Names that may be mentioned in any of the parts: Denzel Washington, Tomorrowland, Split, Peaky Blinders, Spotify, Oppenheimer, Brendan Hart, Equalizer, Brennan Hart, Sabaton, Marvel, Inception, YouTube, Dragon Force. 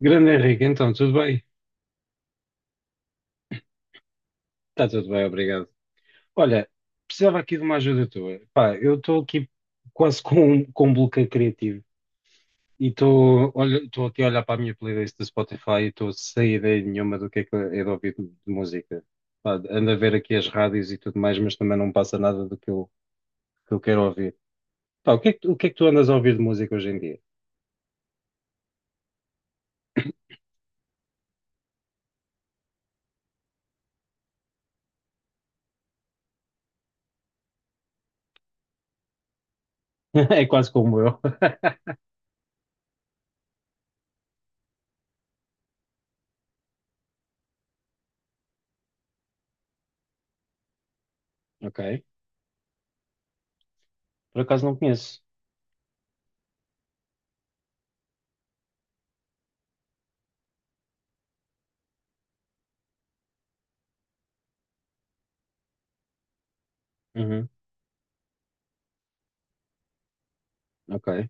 Grande Henrique, então, tudo bem? Está tudo bem, obrigado. Olha, precisava aqui de uma ajuda tua. Pá, eu estou aqui quase com, com um bloqueio criativo e estou olha, estou aqui a olhar para a minha playlist do Spotify e estou sem ideia nenhuma do que é de ouvir de música. Pá, ando a ver aqui as rádios e tudo mais, mas também não passa nada do que eu quero ouvir. Pá, o que é que, o que é que tu andas a ouvir de música hoje em dia? É quase como eu. Ok. Por acaso não conheço. Uhum. Ok.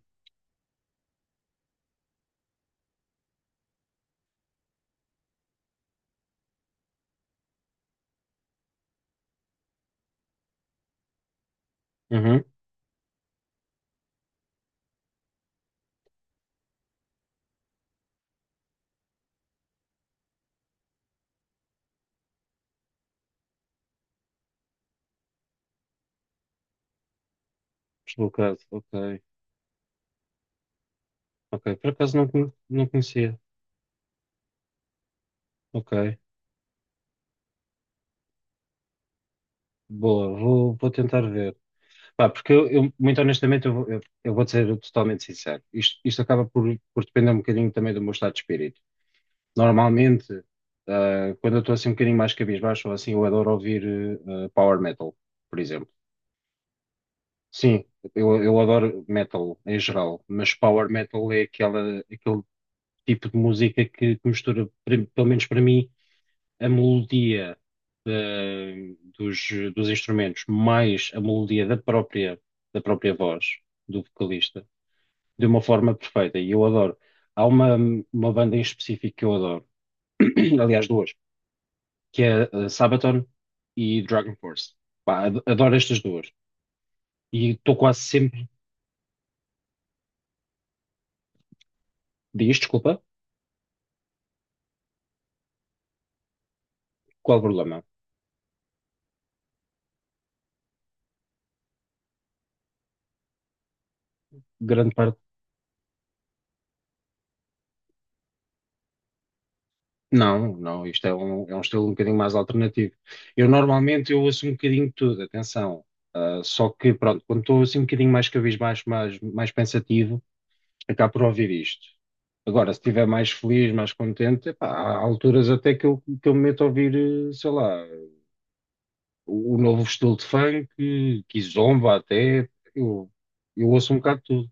Uhum. Deslocado. Ok. Ok, por acaso não conhecia. Ok, boa, vou tentar ver. Pá, porque eu, muito honestamente, eu vou ser totalmente sincero. Isto acaba por depender um bocadinho também do meu estado de espírito. Normalmente, quando eu estou assim um bocadinho mais cabisbaixo ou assim, eu adoro ouvir power metal, por exemplo. Sim, eu adoro metal em geral, mas power metal é aquele tipo de música que mistura, pelo menos para mim, a melodia da- dos, dos instrumentos mais a melodia da da própria voz do vocalista de uma forma perfeita. E eu adoro. Há uma banda em específico que eu adoro, aliás, duas, que é Sabaton e Dragon Force. Pá, adoro estas duas. E estou quase sempre. Diz, desculpa, qual o problema? Grande parte. Não, não, isto é é um estilo um bocadinho mais alternativo. Eu normalmente eu ouço um bocadinho de tudo, atenção. Ah, só que, pronto, quando estou assim um bocadinho mais cabisbaixo, mais pensativo, acabo por ouvir isto. Agora, se estiver mais feliz, mais contente, epá, há alturas até que eu me meto a ouvir, sei lá, o novo estilo de funk, que zomba até, eu, eu ouço um bocado de tudo.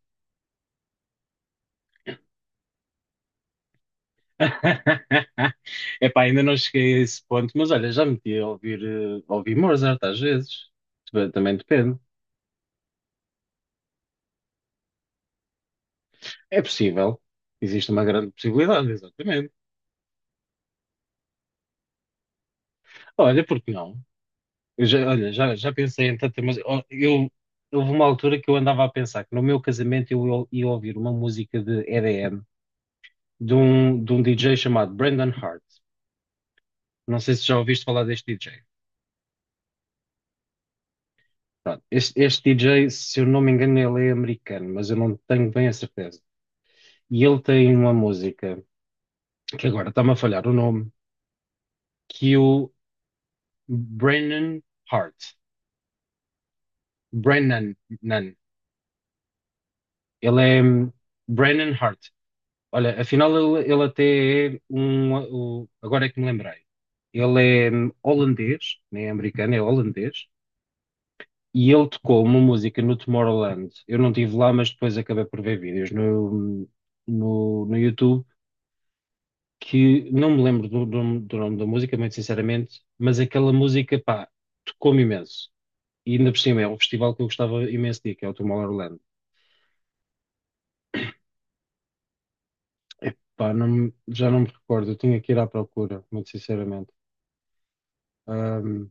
Epá, ainda não cheguei a esse ponto, mas olha, já meti a ouvir, a ouvir Mozart às vezes. Também também depende. É possível. Existe uma grande possibilidade, exatamente. Olha, porque não? Eu já, olha, já pensei em tanta, mas ó, eu, houve uma altura que eu andava a pensar que no meu casamento eu ia ouvir uma música de EDM de um DJ chamado Brendan Hart. Não sei se já ouviste falar deste DJ. Pronto, este DJ, se eu não me engano, ele é americano, mas eu não tenho bem a certeza. E ele tem uma música, que agora está-me a falhar o nome, que é o Brennan Hart. Brennan, nan. Ele é Brennan Hart. Olha, afinal ele até é agora é que me lembrei. Ele é holandês, nem é americano, é holandês. E ele tocou uma música no Tomorrowland. Eu não estive lá, mas depois acabei por ver vídeos hum, no YouTube que não me lembro do nome da música, muito sinceramente, mas aquela música, pá, tocou-me imenso. E ainda por cima é um festival que eu gostava imenso de ir, que é o Tomorrowland. Epá, já não me recordo, eu tinha que ir à procura, muito sinceramente. Ahm,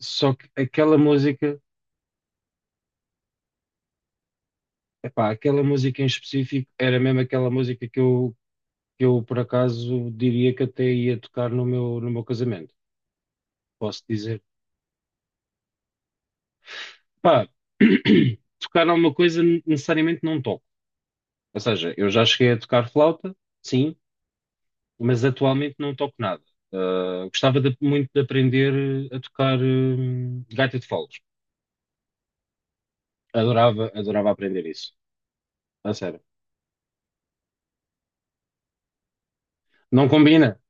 Só que aquela música, epá, aquela música em específico era mesmo aquela música que eu por acaso diria que até ia tocar no no meu casamento, posso dizer. Pá, tocar alguma coisa necessariamente não toco. Ou seja, eu já cheguei a tocar flauta, sim, mas atualmente não toco nada. Ah, muito de aprender a tocar, gaita de foles. Adorava, adorava aprender isso. A sério. Não combina.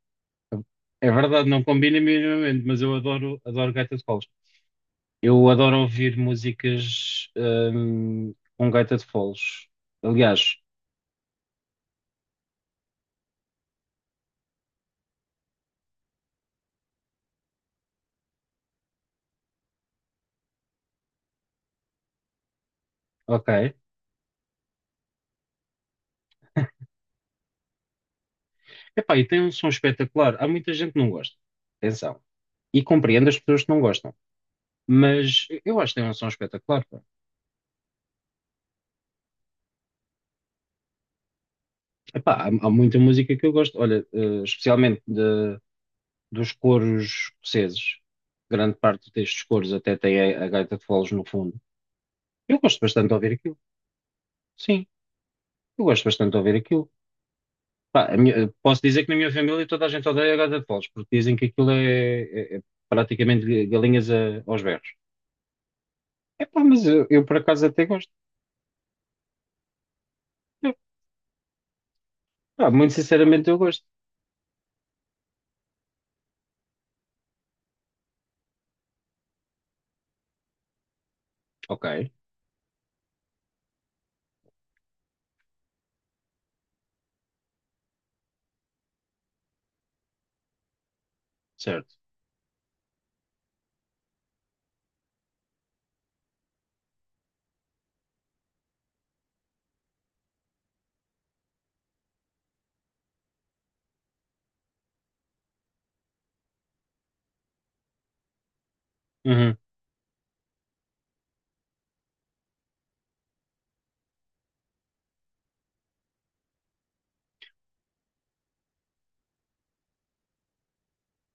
É verdade, não combina minimamente, mas eu adoro, adoro gaita de foles. Eu adoro ouvir músicas, com gaita de foles. Aliás, ok. Epá, e tem um som espetacular. Há muita gente que não gosta. Atenção. E compreendo as pessoas que não gostam. Mas eu acho que tem um som espetacular, pá. Epá, há muita música que eu gosto. Olha, especialmente dos coros escoceses. Grande parte destes coros até tem a gaita de foles no fundo. Eu gosto bastante de ouvir aquilo. Sim, eu gosto bastante de ouvir aquilo. Pá, posso dizer que na minha família toda a gente odeia a gaita de foles, porque dizem que aquilo é praticamente galinhas aos berros. Epá, mas eu por acaso até gosto. Eu, pá, muito sinceramente eu gosto. Ok, certo. Uhum.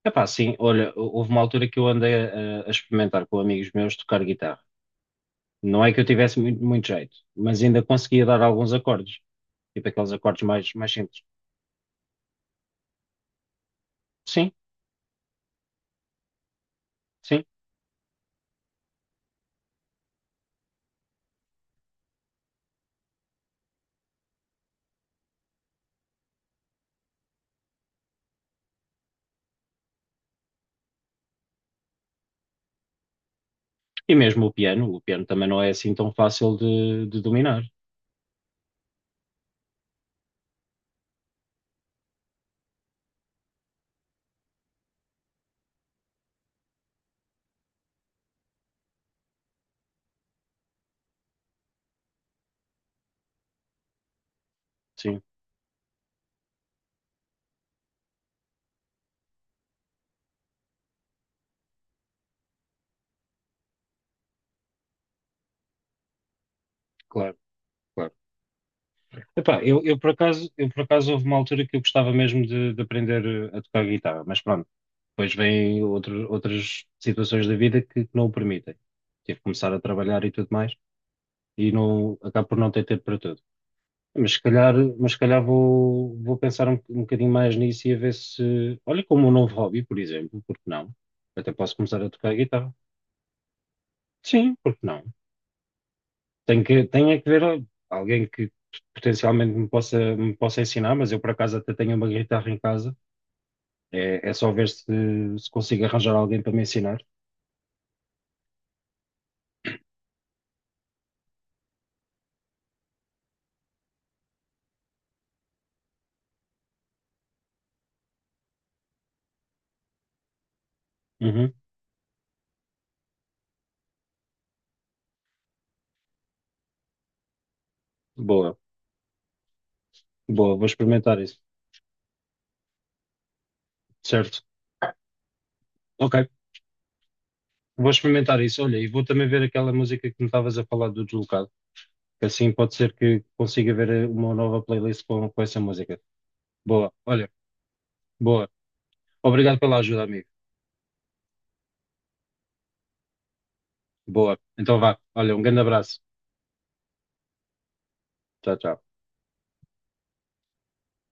Epá, sim, olha, houve uma altura que eu andei a experimentar com amigos meus tocar guitarra. Não é que eu tivesse muito, muito jeito, mas ainda conseguia dar alguns acordes, tipo aqueles acordes mais simples. Sim, sim. E mesmo o piano também não é assim tão fácil de dominar. Sim, claro, claro. Epá, eu por acaso houve uma altura que eu gostava mesmo de aprender a tocar guitarra, mas pronto, depois vêm outras situações da vida que não o permitem. Tive que começar a trabalhar e tudo mais. E não, acabo por não ter tempo para tudo. Mas se calhar vou pensar um bocadinho mais nisso e a ver se. Olha, como um novo hobby, por exemplo, porque não? Até posso começar a tocar guitarra. Sim, porque não? Tenho é que ver alguém que potencialmente me me possa ensinar, mas eu por acaso até tenho uma guitarra em casa. É só ver se consigo arranjar alguém para me ensinar. Uhum. Boa, boa, vou experimentar isso. Certo. Ok, vou experimentar isso. Olha, e vou também ver aquela música que me estavas a falar do deslocado. Assim pode ser que consiga ver uma nova playlist com essa música. Boa, olha, boa. Obrigado pela ajuda, amigo. Boa. Então vá. Olha, um grande abraço. Tchau, tchau.